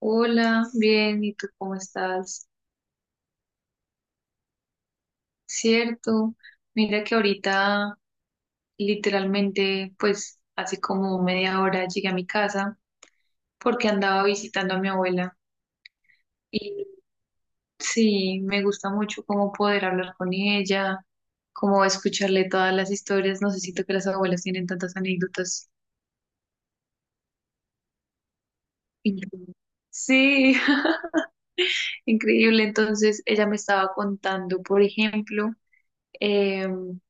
Hola, bien, ¿y tú cómo estás? Cierto, mira que ahorita literalmente, pues hace como media hora llegué a mi casa porque andaba visitando a mi abuela y sí, me gusta mucho como poder hablar con ella, como escucharle todas las historias, no sé, siento que las abuelas tienen tantas anécdotas. Increíbles. Sí, increíble, entonces ella me estaba contando, por ejemplo, em,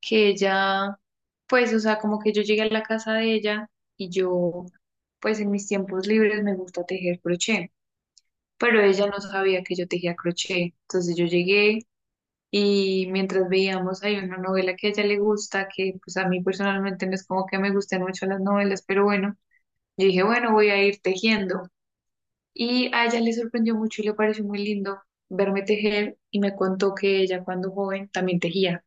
que ella, pues, o sea, como que yo llegué a la casa de ella y yo, pues, en mis tiempos libres me gusta tejer crochet, pero ella no sabía que yo tejía crochet. Entonces yo llegué y mientras veíamos ahí una novela que a ella le gusta, que pues a mí personalmente no es como que me gusten mucho las novelas, pero bueno, yo dije, bueno, voy a ir tejiendo. Y a ella le sorprendió mucho y le pareció muy lindo verme tejer y me contó que ella cuando joven también tejía,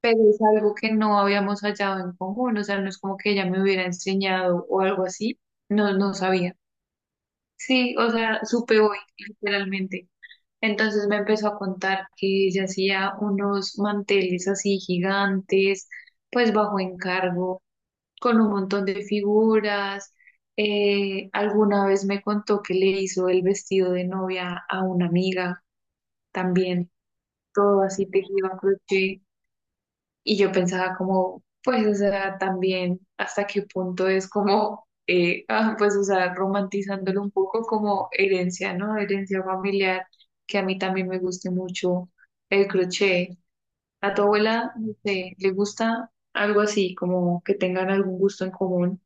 pero es algo que no habíamos hallado en común, o sea, no es como que ella me hubiera enseñado o algo así, no, no sabía. Sí, o sea, supe hoy, literalmente. Entonces me empezó a contar que ella hacía unos manteles así gigantes, pues bajo encargo, con un montón de figuras. Alguna vez me contó que le hizo el vestido de novia a una amiga también, todo así tejido a crochet. Y yo pensaba como, pues, o sea, también hasta qué punto es como, pues, o sea, romantizándolo un poco como herencia, ¿no? Herencia familiar, que a mí también me guste mucho el crochet. A tu abuela, no sé, le gusta algo así, como que tengan algún gusto en común,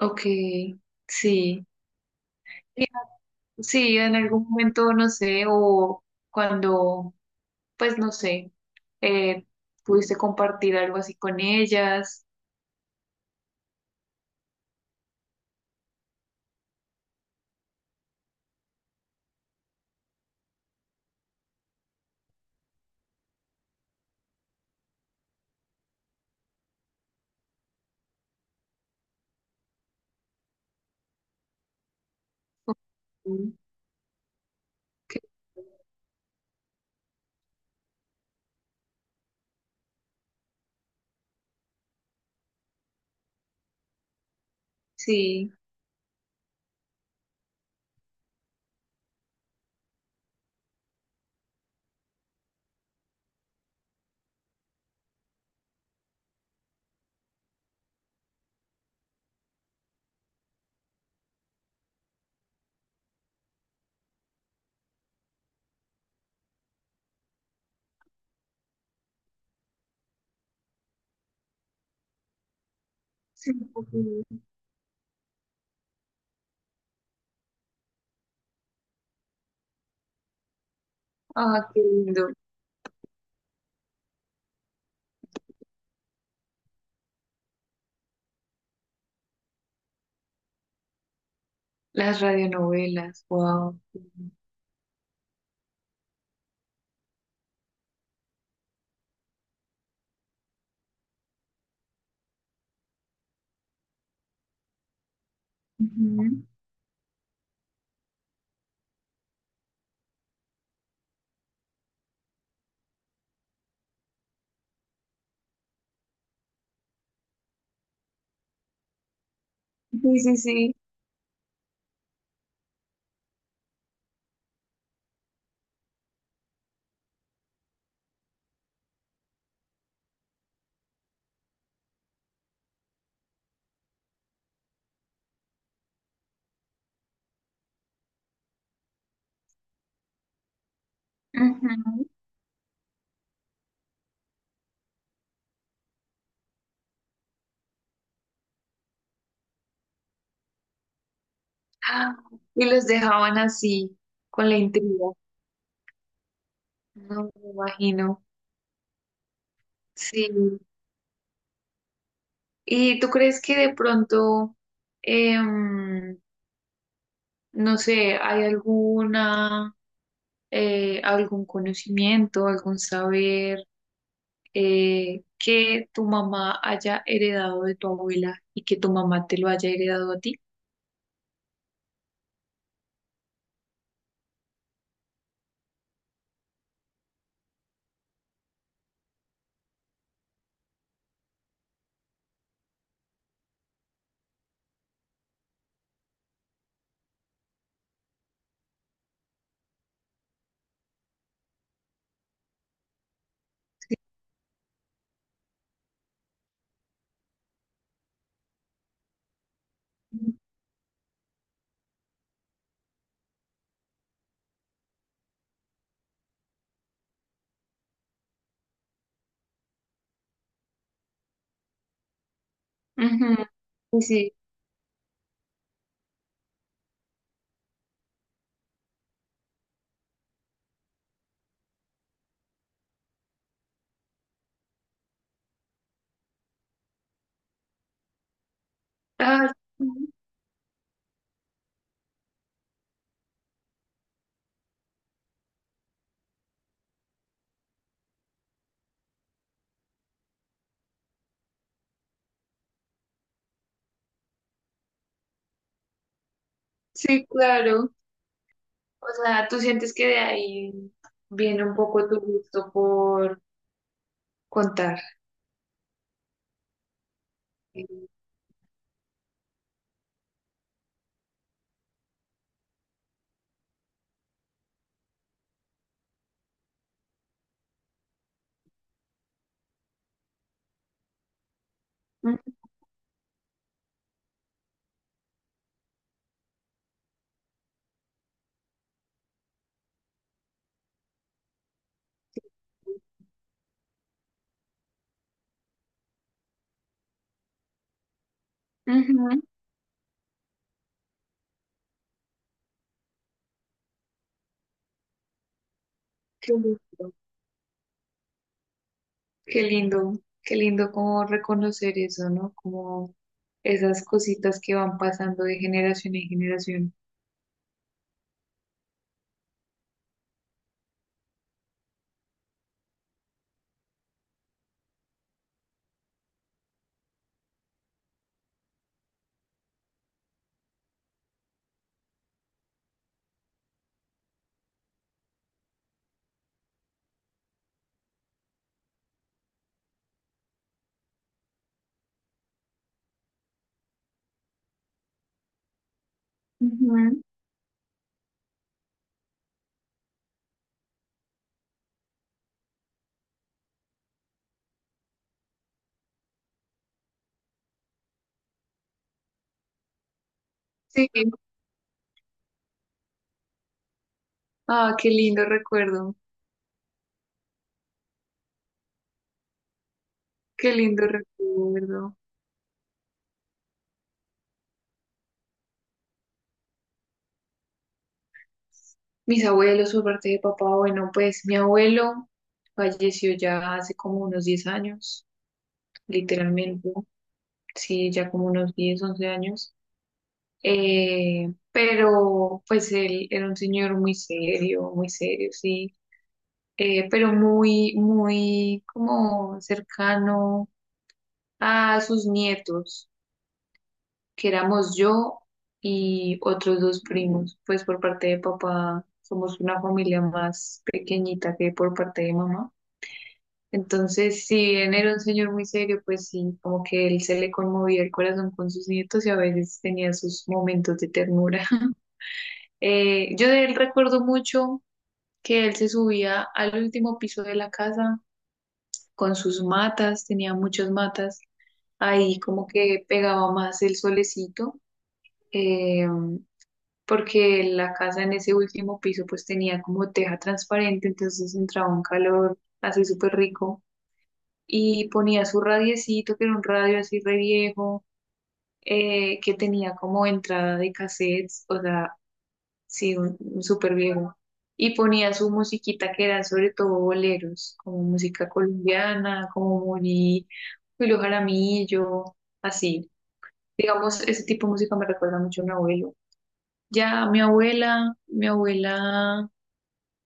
o que sí, sí, en algún momento, no sé, o cuando, pues, no sé, eh, pudiste compartir algo así con ellas. Qué- Sí, sí. Un poco. Ah, qué lindo. Las radionovelas, wow. Ujú. Sí, sí, sí. Ujú. Ah, y los dejaban así, con la intriga. No me imagino. Sí. ¿Y tú crees que de pronto, em, no sé, ¿hay alguna, algún conocimiento, algún saber, que tu mamá haya heredado de tu abuela y que tu mamá te lo haya heredado a ti? Ujú, sí, sí. Ah, sí, claro. O sea, tú sientes que de ahí viene un poco tu gusto por contar. Ujú, ujú, qué lindo. Qué lindo, qué lindo como reconocer eso, ¿no? Como esas cositas que van pasando de generación en generación. Ujú. Sí, ah, qué lindo recuerdo, qué lindo recuerdo. Mis abuelos por parte de papá, bueno, pues mi abuelo falleció ya hace como unos 10 años, literalmente, sí, ya como unos 10, 11 años. Pero pues él era un señor muy serio, sí, pero muy, muy como cercano a sus nietos, que éramos yo y otros dos primos, pues por parte de papá somos una familia más pequeñita que por parte de mamá. Entonces, si bien era un señor muy serio, pues sí, como que él se le conmovía el corazón con sus nietos y a veces tenía sus momentos de ternura. Yo de él recuerdo mucho que él se subía al último piso de la casa con sus matas, tenía muchas matas. Ahí como que pegaba más el solecito, eh, porque la casa en ese último piso pues tenía como teja transparente, entonces entraba un calor así súper rico. Y ponía su radiecito, que era un radio así re viejo, que tenía como entrada de cassettes, o sea, sí, un súper viejo. Y ponía su musiquita que eran sobre todo boleros, como música colombiana, como Moni, Julio Jaramillo, así. Digamos, ese tipo de música me recuerda mucho a mi abuelo. Ya mi abuela, mi abuela,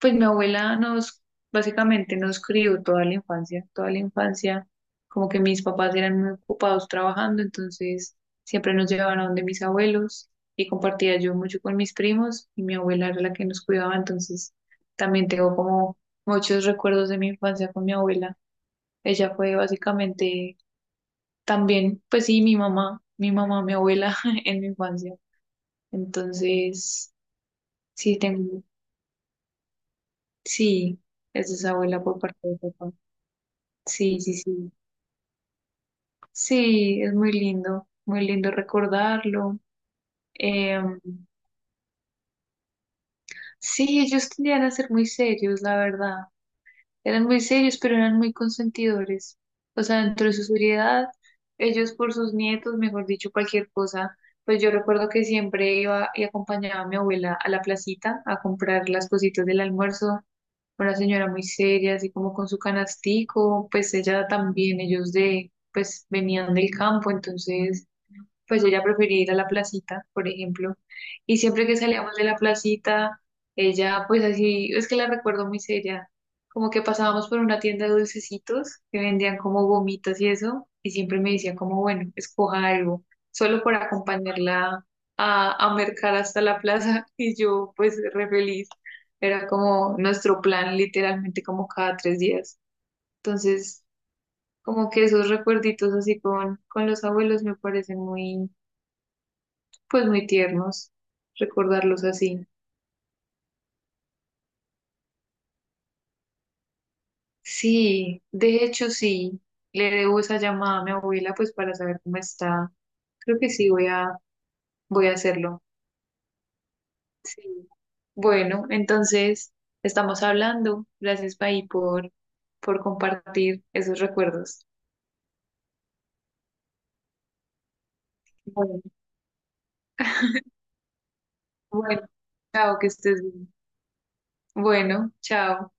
pues mi abuela nos, básicamente nos crió toda la infancia, como que mis papás eran muy ocupados trabajando, entonces siempre nos llevaban a donde mis abuelos y compartía yo mucho con mis primos y mi abuela era la que nos cuidaba, entonces también tengo como muchos recuerdos de mi infancia con mi abuela. Ella fue básicamente también, pues sí, mi mamá, mi mamá, mi abuela en mi infancia. Entonces, sí, tengo, sí, es esa abuela por parte de papá. Sí, sí, sí. Sí, es muy lindo recordarlo. Em, sí, ellos tendían a ser muy serios, la verdad. Eran muy serios, pero eran muy consentidores. O sea, dentro de su seriedad, ellos por sus nietos, mejor dicho, cualquier cosa. Pues yo recuerdo que siempre iba y acompañaba a mi abuela a la placita a comprar las cositas del almuerzo. Una señora muy seria, así como con su canastico, pues ella también, ellos de, pues venían del campo, entonces pues ella prefería ir a la placita, por ejemplo. Y siempre que salíamos de la placita, ella, pues así, es que la recuerdo muy seria. Como que pasábamos por una tienda de dulcecitos que vendían como gomitas y eso, y siempre me decía como, bueno, escoja algo, solo por acompañarla a mercar hasta la plaza. Y yo, pues, re feliz. Era como nuestro plan, literalmente, como cada 3 días. Entonces, como que esos recuerditos así con los abuelos me parecen muy, pues muy tiernos recordarlos así. Sí, de hecho sí, le debo esa llamada a mi abuela pues para saber cómo está. Creo que sí voy a hacerlo. Sí. Bueno, entonces estamos hablando. Gracias, Pai, por compartir esos recuerdos. Bueno, bueno, chao, que estés bien. Bueno, chao.